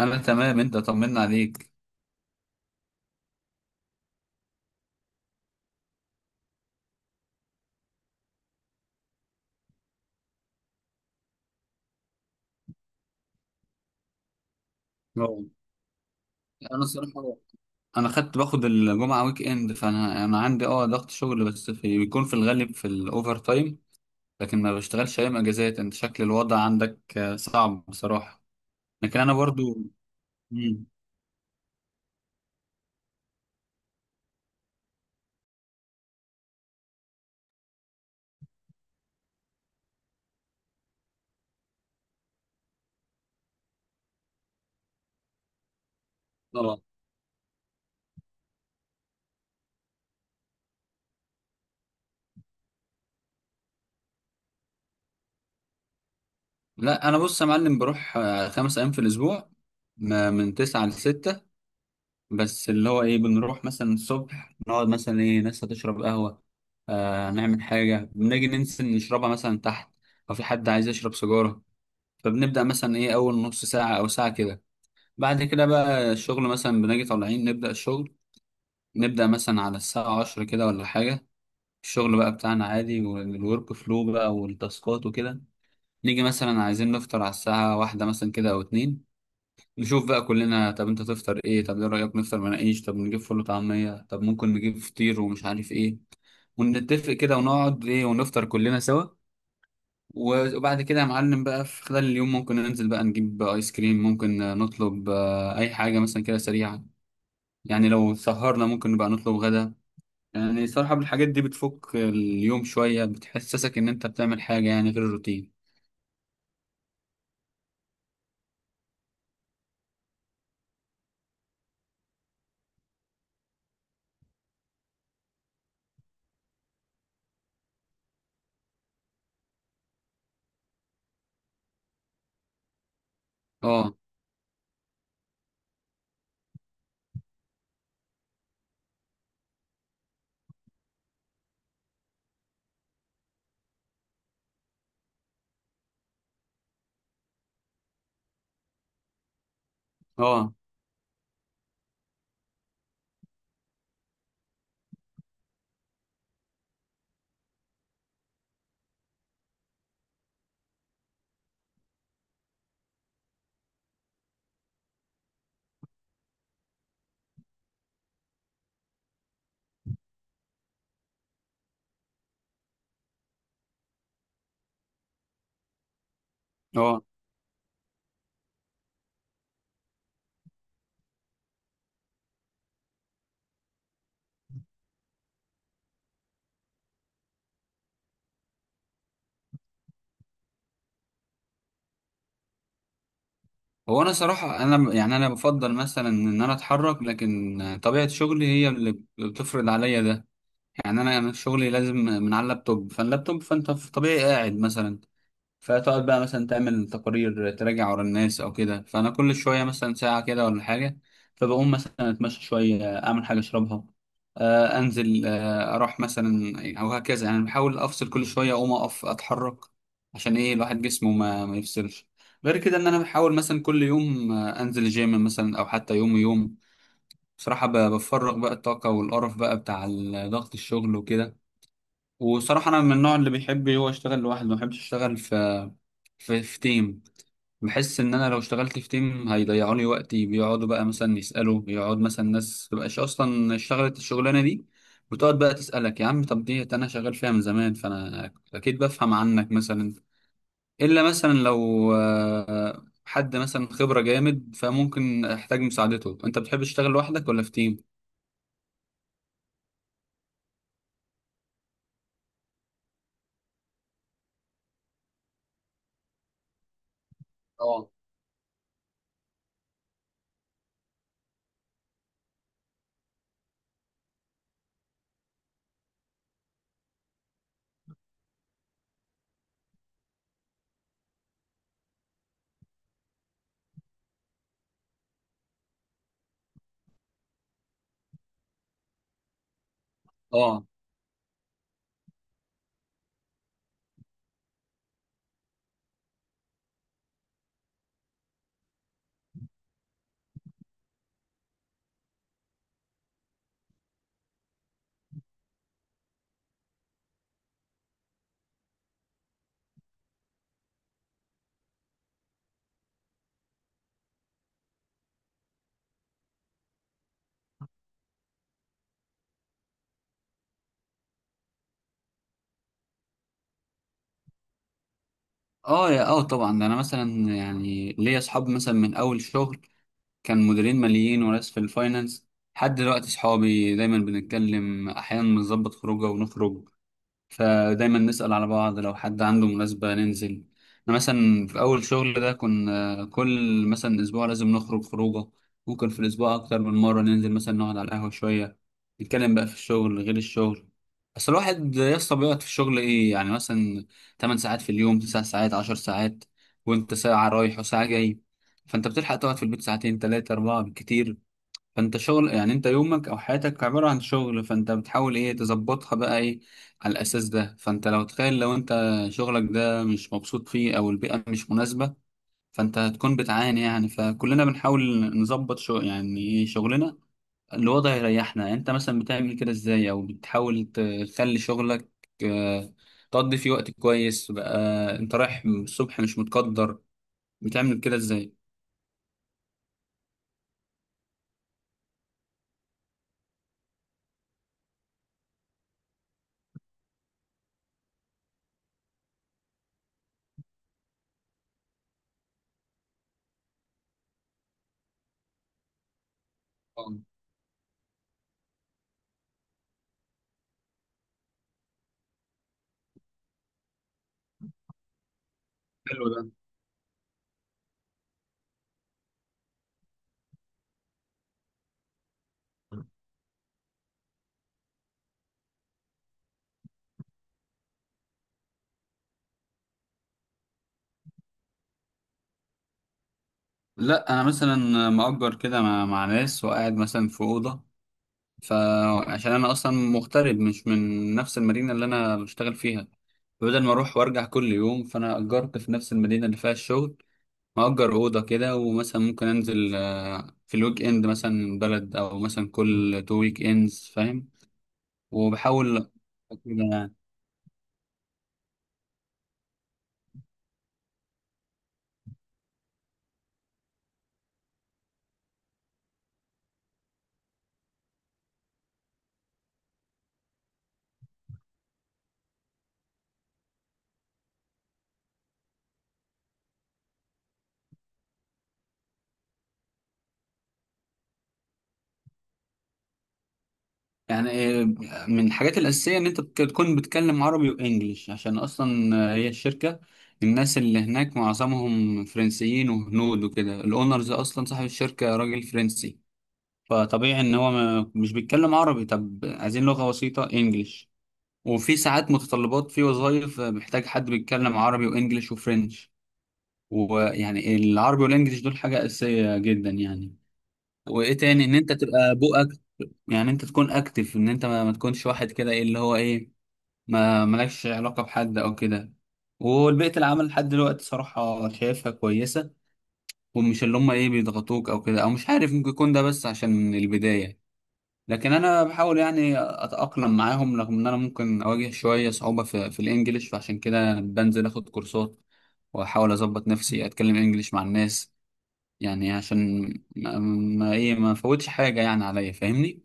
انا تمام، انت طمنا عليك. اه انا الصراحه، خدت باخد الجمعه ويك اند، فانا عندي ضغط شغل، بس في بيكون في الغالب في الاوفر تايم. لكن ما بشتغلش ايام اجازات. انت شكل الوضع عندك صعب بصراحه. لكن انا برضو. مم. اه. لا انا بص يا معلم، بروح خمس ايام في الاسبوع، من تسعة لستة. بس اللي هو ايه، بنروح مثلا الصبح نقعد مثلا ايه، ناس هتشرب قهوة، آه نعمل حاجة، بنيجي ننسى نشربها مثلا تحت، او في حد عايز يشرب سيجارة. فبنبدأ مثلا ايه اول نص ساعة او ساعة كده. بعد كده بقى الشغل، مثلا بنيجي طالعين نبدأ الشغل، نبدأ مثلا على الساعة عشرة كده ولا حاجة. الشغل بقى بتاعنا عادي، والورك فلو بقى والتاسكات وكده. نيجي مثلا عايزين نفطر على الساعة واحدة مثلا كده أو اتنين، نشوف بقى كلنا، طب انت تفطر ايه، طب ايه رأيك نفطر مناقيش، طب نجيب فول وطعمية، طب ممكن نجيب فطير ومش عارف ايه. ونتفق كده ونقعد ايه ونفطر كلنا سوا. وبعد كده يا معلم بقى في خلال اليوم ممكن ننزل بقى نجيب ايس كريم، ممكن نطلب اي حاجة مثلا كده سريعة. يعني لو سهرنا ممكن نبقى نطلب غدا. يعني صراحة الحاجات دي بتفك اليوم شوية، بتحسسك ان انت بتعمل حاجة يعني غير الروتين. اه. اه. اه. هو انا صراحه انا يعني انا بفضل مثلا ان انا اتحرك، لكن طبيعه شغلي هي اللي بتفرض عليا ده. يعني أنا شغلي لازم من على اللابتوب، فاللابتوب فانت في طبيعي قاعد مثلا. فتقعد بقى مثلا تعمل تقارير، تراجع ورا الناس او كده. فانا كل شويه مثلا ساعه كده ولا حاجه فبقوم مثلا اتمشى شويه، اعمل حاجه اشربها، انزل، اروح مثلا، او هكذا. يعني بحاول افصل كل شويه، اقوم اقف اتحرك، عشان ايه، الواحد جسمه ما يفصلش. غير كده ان انا بحاول مثلا كل يوم انزل الجيم مثلا، او حتى يوم يوم بصراحه بفرغ بقى الطاقه والقرف بقى بتاع ضغط الشغل وكده. وصراحة أنا من النوع اللي بيحب هو يشتغل لوحده، ما بحبش أشتغل في في تيم. بحس إن أنا لو اشتغلت في تيم هيضيعوا لي وقتي، بيقعدوا بقى مثلا يسألوا، يقعد مثلا ناس مبقاش أصلا اشتغلت الشغلانة دي وتقعد بقى تسألك يا عم، طب ديت أنا شغال فيها من زمان فأنا أكيد بفهم عنك مثلا. إلا مثلا لو حد مثلا خبرة جامد فممكن أحتاج مساعدته. أنت بتحب تشتغل لوحدك ولا في تيم؟ اه. اه. اه يا اه طبعا، ده انا مثلا يعني ليا اصحاب مثلا من اول شغل، كان مديرين ماليين وناس في الفاينانس، لحد دلوقتي اصحابي دايما بنتكلم، احيانا بنظبط خروجه ونخرج. فدايما نسأل على بعض، لو حد عنده مناسبة ننزل. أنا مثلا في أول شغل ده كنا كل مثلا أسبوع لازم نخرج خروجة، ممكن في الأسبوع أكتر من مرة ننزل مثلا نقعد على القهوة شوية، نتكلم بقى في الشغل غير الشغل. بس الواحد يسطا بيقعد في الشغل إيه يعني، مثلا 8 ساعات في اليوم، 9 ساعات، 10 ساعات. وأنت ساعة رايح وساعة جاي، فأنت بتلحق تقعد في البيت ساعتين تلاتة أربعة بالكتير. فانت شغل يعني، انت يومك او حياتك عبارة عن شغل، فانت بتحاول ايه تظبطها بقى ايه على الاساس ده. فانت لو تخيل لو انت شغلك ده مش مبسوط فيه او البيئة مش مناسبة، فانت هتكون بتعاني يعني. فكلنا بنحاول نظبط شو يعني ايه شغلنا، الوضع يريحنا. يعني انت مثلا بتعمل كده ازاي، او بتحاول تخلي شغلك آه، تقضي فيه وقت كويس بقى. انت رايح الصبح مش متقدر، بتعمل كده ازاي؟ آه، حلو ده. لا انا مثلا مأجر كده مع ناس وقاعد مثلا في اوضه، فعشان انا اصلا مغترب، مش من نفس المدينه اللي انا بشتغل فيها. فبدل ما اروح وارجع كل يوم فانا اجرت في نفس المدينه اللي فيها الشغل. مأجر اوضه كده، ومثلا ممكن انزل في الويك اند مثلا بلد، او مثلا كل تو ويك اندز، فاهم. وبحاول كده يعني. آه، من الحاجات الأساسية إن أنت تكون بتتكلم عربي وإنجليش، عشان أصلا هي الشركة الناس اللي هناك معظمهم فرنسيين وهنود وكده، الأونرز أصلا صاحب الشركة راجل فرنسي، فطبيعي إن هو ما مش بيتكلم عربي. طب عايزين لغة بسيطة إنجليش. وفي ساعات متطلبات في وظائف محتاج حد بيتكلم عربي وإنجليش وفرنش. ويعني العربي والإنجليش دول حاجة أساسية جدا يعني. وإيه تاني، إن أنت تبقى بوقك، يعني انت تكون اكتف، ان انت ما تكونش واحد كده ايه اللي هو ايه، ما مالكش علاقة بحد او كده. والبيئة العمل لحد دلوقتي صراحة شايفها كويسة، ومش اللي هم ايه بيضغطوك او كده، او مش عارف ممكن يكون ده بس عشان البداية. لكن انا بحاول يعني اتأقلم معاهم، رغم ان انا ممكن اواجه شوية صعوبة في الانجليش، فعشان كده بنزل اخد كورسات واحاول اظبط نفسي اتكلم انجليش مع الناس، يعني عشان ايه ما فوتش حاجة يعني عليا، فاهمني.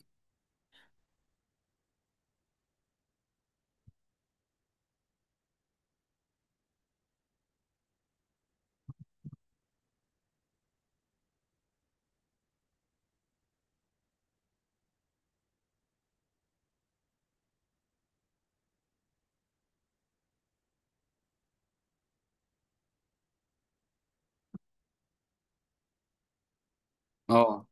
اه.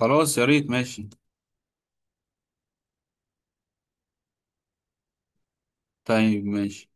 خلاص يا ريت، ماشي. طيب ماشي.